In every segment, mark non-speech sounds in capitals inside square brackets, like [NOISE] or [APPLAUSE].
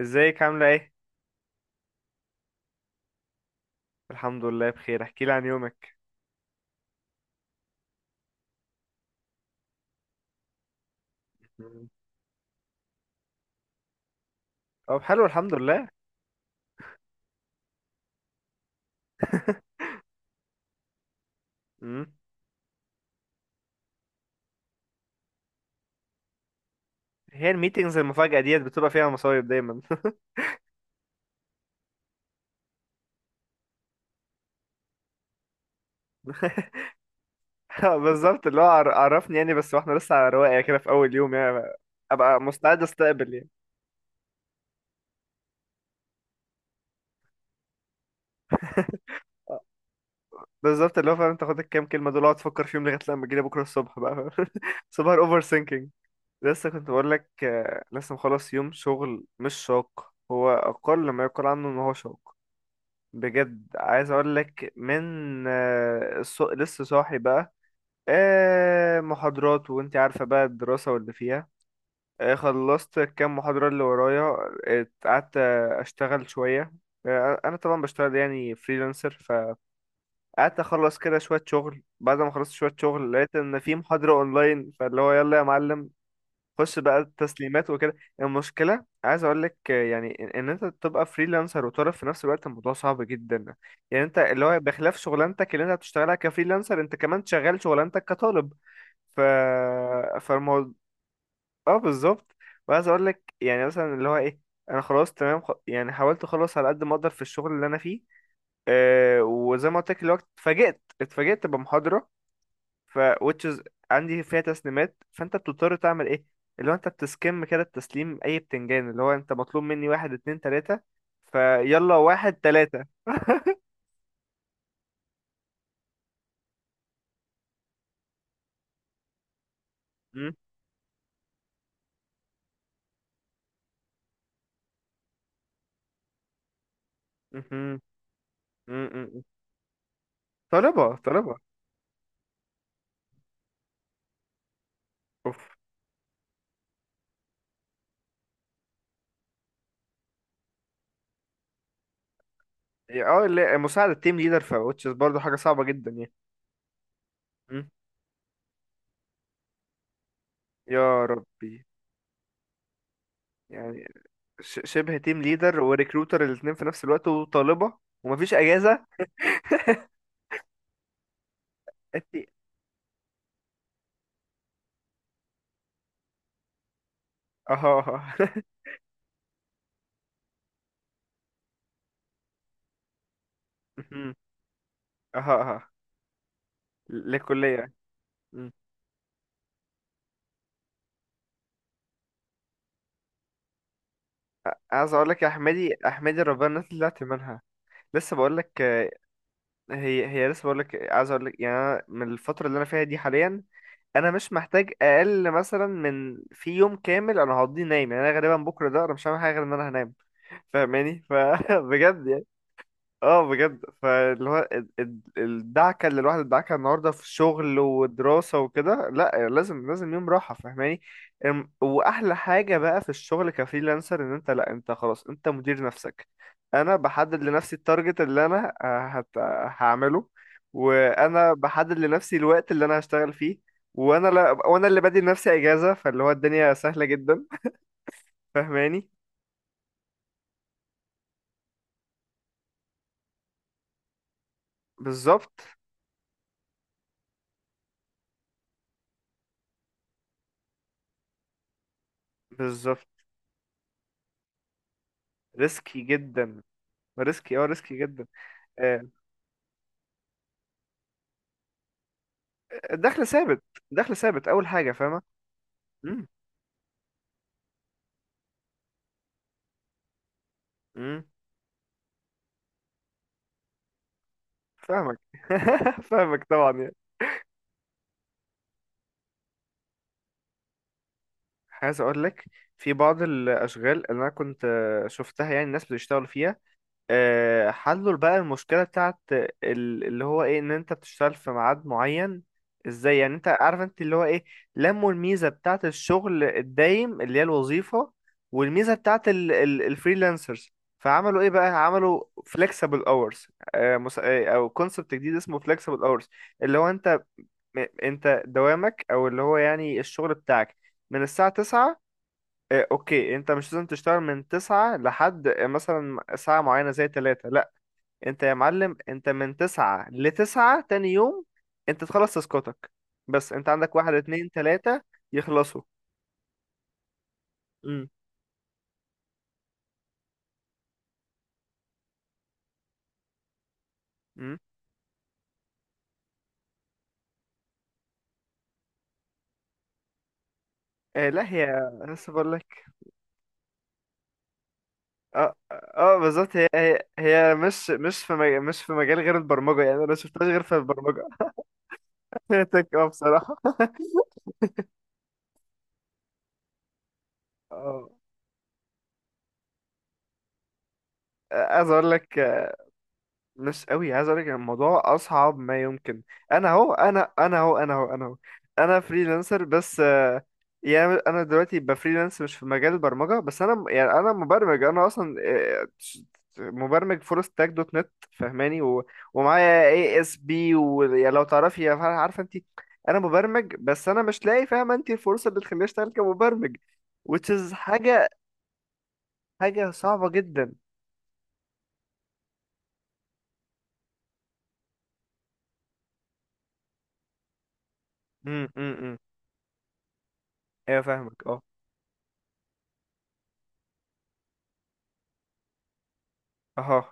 ازيك عاملة ايه؟ الحمد لله بخير، احكي لي عن يومك. مم. طب حلو، الحمد لله. [LAUGHS] مم. هي الميتينجز المفاجأة ديت بتبقى فيها مصايب دايما. [LAUGHS] بالظبط، اللي هو عرفني يعني، بس واحنا لسه على رواقة كده في أول يوم يعني. أبقى مستعد أستقبل يعني. آه. بالظبط، اللي هو فاهم تاخد الكام كلمة دول اقعد تفكر فيهم لغاية لما تجيلي بكرة الصبح بقى، فاهم؟ [LAUGHS] صباح الأوفر سينكينج. لسه كنت بقول لك لسه مخلص يوم شغل مش شاق، هو أقل ما يقال عنه إن هو شاق. بجد عايز اقول لك من لسه صاحي بقى. محاضرات، وانت عارفة بقى الدراسة واللي فيها. خلصت كام محاضرة اللي ورايا. آه، قعدت آه، اشتغل شوية. انا طبعا بشتغل يعني فريلانسر. فقعدت اخلص كده شوية شغل، بعد ما خلصت شوية شغل لقيت ان في محاضرة اونلاين، فاللي هو يلا يا معلم. خش بقى التسليمات وكده. المشكله عايز اقول لك يعني إن انت تبقى فريلانسر وتعرف في نفس الوقت، الموضوع صعب جدا. يعني انت اللي هو بخلاف شغلانتك اللي انت بتشتغلها كفريلانسر، انت كمان شغال شغلانتك كطالب. ف فالموضوع اه بالظبط. وعايز اقول لك يعني مثلا اللي هو ايه، انا خلاص تمام يعني حاولت اخلص على قد ما اقدر في الشغل اللي انا فيه. أه وزي ما قلت لك الوقت اتفاجئت بمحاضره. ف which is عندي فيها تسليمات، فانت بتضطر تعمل ايه؟ اللي هو انت بتسكم كده التسليم اي بتنجان، اللي هو انت مطلوب مني واحد اتنين تلاتة. فيلا واحد تلاتة. م? مهم. م- م- م. طلبة طلبة. اوف. لا، مساعدة تيم ليدر ف which is برضه حاجة صعبة جدا يعني. م? يا ربي. يعني شبه تيم ليدر وريكروتر الاتنين في نفس الوقت وطالبة ومفيش اجازة. انت. اها اها. [LAUGHS] مهم. اها اها للكلية. عايز اقول لك يا احمدي احمدي ربنا الناس اللي طلعت منها. لسه بقول لك آه، هي هي لسه بقول لك عايز اقول لك يعني، أنا من الفتره اللي انا فيها دي حاليا، انا مش محتاج اقل مثلا من في يوم كامل انا هقضيه نايم. يعني انا غالبا بكره ده انا مش هعمل حاجه غير ان انا هنام، فاهماني؟ فبجد. [LAUGHS] اه بجد، فاللي هو الدعكه اللي الواحد ادعكها النهارده في شغل ودراسه وكده، لا لازم يوم راحه، فاهماني؟ واحلى حاجه بقى في الشغل كفريلانسر ان انت لا انت خلاص انت مدير نفسك. انا بحدد لنفسي التارجت اللي انا هعمله. وانا بحدد لنفسي الوقت اللي انا هشتغل فيه. وانا لا وانا اللي بدي لنفسي اجازه، فاللي هو الدنيا سهله جدا، فاهماني؟ بالظبط. بالظبط. ريسكي جدا. ريسكي، اه ريسكي جدا. آه، الدخل ثابت. دخل ثابت اول حاجه، فاهمه؟ امم. امم. فاهمك. [LAUGHS] فاهمك طبعا يعني. عايز اقول لك في بعض الاشغال اللي انا كنت شفتها يعني الناس بتشتغل فيها. حلوا بقى المشكلة بتاعت اللي هو ايه، ان انت بتشتغل في ميعاد معين. ازاي يعني، انت عارف انت اللي هو ايه، لموا الميزة بتاعت الشغل الدايم اللي هي الوظيفة والميزة بتاعت الفريلانسرز، فعملوا ايه بقى؟ عملوا flexible hours. او كونسبت جديد اسمه flexible hours. اللي هو انت انت دوامك او اللي هو يعني الشغل بتاعك من الساعة 9. اوكي انت مش لازم تشتغل من 9 لحد مثلا ساعة معينة زي 3. انت يا معلم انت من تسعة لتسعة تاني يوم. انت تخلص تاسكاتك، بس انت عندك واحد اتنين تلاتة يخلصوا. امم. امم. لا، هي لسه بقول لك. بالظبط، هي مش في مجال غير البرمجة يعني، انا ما شفتهاش غير في البرمجة. [LAUGHS] تك اه بصراحة. اه عايز اقول لك ناس قوي. عايز اقول لك الموضوع اصعب ما يمكن. انا اهو انا انا اهو انا اهو انا اهو انا فريلانسر، بس يعني انا دلوقتي بفريلانس مش في مجال البرمجه، بس يعني انا مبرمج، انا اصلا مبرمج فول ستاك دوت نت، فاهماني؟ ومعايا اي اس بي، ولو تعرفي يا فرح، عارفه انت انا مبرمج، بس انا مش لاقي، فاهمه انت، الفرصه اللي تخليني اشتغل كمبرمج، which is حاجه صعبه جدا. امم. امم. ايوه فاهمك اه. اهو.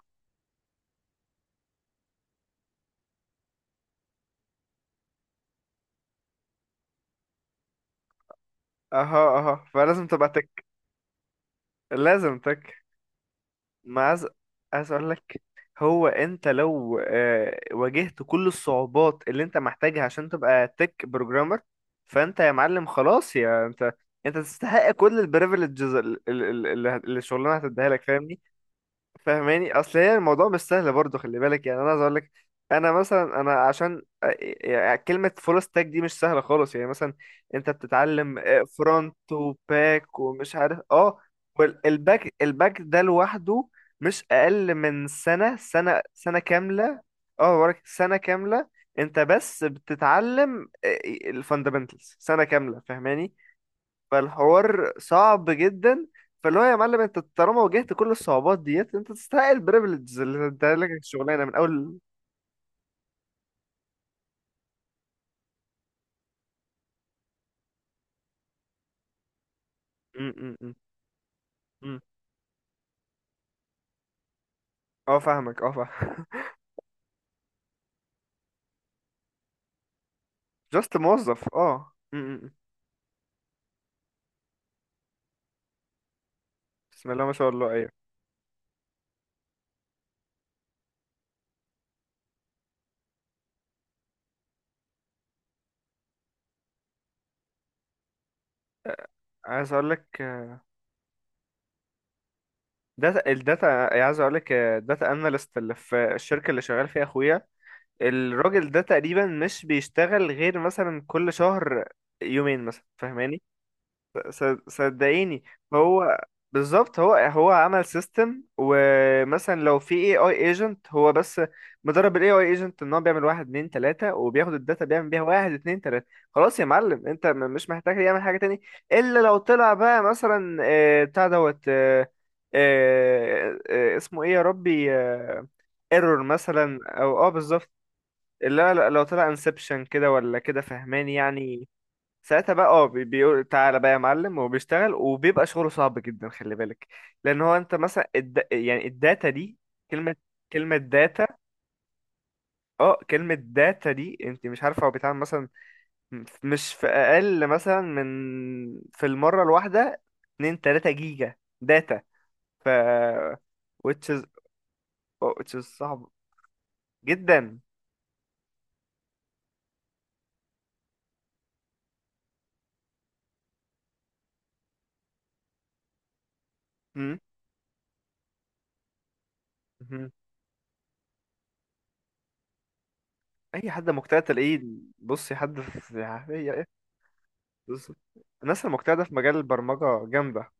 اها اها، فلازم تبقى تك. لازم تك. ما عايز عايز اقول لك، هو انت لو واجهت كل الصعوبات اللي انت محتاجها عشان تبقى تك بروجرامر، فانت يا معلم خلاص، يا انت انت تستحق كل البريفليجز اللي الشغلانه هتديها لك، فاهمني؟ فاهماني، اصل هي الموضوع مش سهل برضه، خلي بالك يعني. انا عايز اقول لك، انا مثلا عشان يعني كلمه فول ستاك دي مش سهله خالص، يعني مثلا انت بتتعلم فرونت وباك ومش عارف اه. والباك، ده لوحده مش اقل من سنه كامله. اه وراك سنه كامله انت بس بتتعلم الفاندامنتالز، سنه كامله، فاهماني؟ فالحوار صعب جدا، فاللي هو يا معلم انت طالما واجهت كل الصعوبات ديت، انت تستحق البريفليجز اللي انت لك الشغلانه من اول. م- م- م- م. اه فاهمك اه فاهم. [LAUGHS] جاست موظف اه. م- م- م. بسم الله ما شاء الله، ايوه. عايز اقول لك الداتا. عايز اقول لك الداتا اناليست اللي في الشركه اللي شغال فيها اخويا، الراجل ده تقريبا مش بيشتغل غير مثلا كل شهر يومين مثلا، فاهماني؟ صدقيني هو بالظبط، هو عمل سيستم. ومثلا لو في اي ايجنت، هو بس مدرب الاي اي ايجنت ان هو بيعمل واحد اتنين تلاتة وبياخد الداتا بيعمل بيها واحد اتنين تلاتة. خلاص يا معلم انت مش محتاج يعمل حاجة تاني، الا لو طلع بقى مثلا آه، بتاع دوت آه، آه، آه، اسمه ايه يا ربي، ايرور مثلا او اه بالظبط. لا لا لو طلع انسبشن كده ولا كده، فهماني يعني؟ ساعتها بقى اه بيقول تعالى بقى يا معلم، وبيشتغل، وبيبقى شغله صعب جدا، خلي بالك. لان هو انت مثلا يعني الداتا دي، كلمة كلمة داتا، اه كلمة داتا دي انت مش عارفة هو بيتعمل مثلا مش في اقل مثلا من في المرة الواحدة 2 3 جيجا داتا. ف which is oh, which is صعب جدا. مم. مم. اي حد مجتهد تلاقيه. بصي حد في بص، الناس المجتهدة في مجال البرمجة جامدة.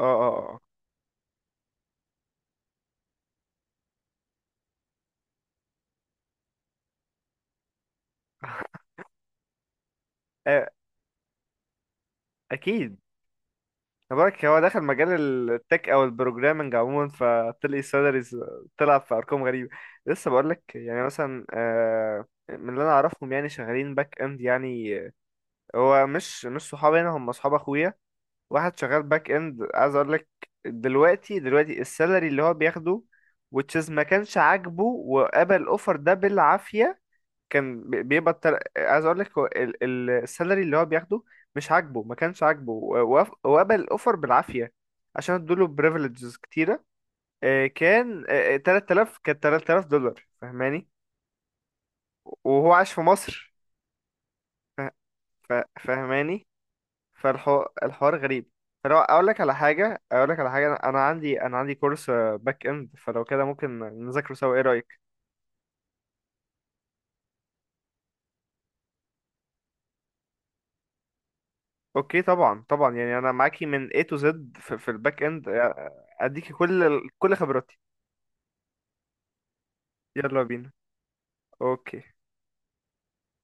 اه اه اه آه، آه، اكيد. تبارك هو دخل مجال التك او البروجرامنج عموما، فطلع سالاريز، طلع في ارقام غريبه. لسه بقول لك يعني مثلا من اللي انا اعرفهم يعني شغالين باك اند يعني هو مش صحابي هنا، هم اصحاب اخويا. واحد شغال باك اند، عايز اقول لك دلوقتي السالري اللي هو بياخده وتشيز، ما كانش عاجبه وقبل الاوفر ده بالعافيه. كان عايز اقول لك هو السالري اللي هو بياخده مش عاجبه، ما كانش عاجبه وقبل الاوفر بالعافيه، عشان ادوله بريفليجز كتيره. كان 3000 دولار فاهماني. وهو عاش في مصر. ف... ف... فاهماني؟ فالحوار غريب. فلو اقول لك على حاجه، اقول لك على حاجه، انا عندي كورس باك اند، فلو كده ممكن نذاكره سوا، ايه رايك؟ اوكي طبعا طبعا، يعني انا معاكي من A to Z في الباك اند، اديكي كل خبراتي. يلا بينا. اوكي.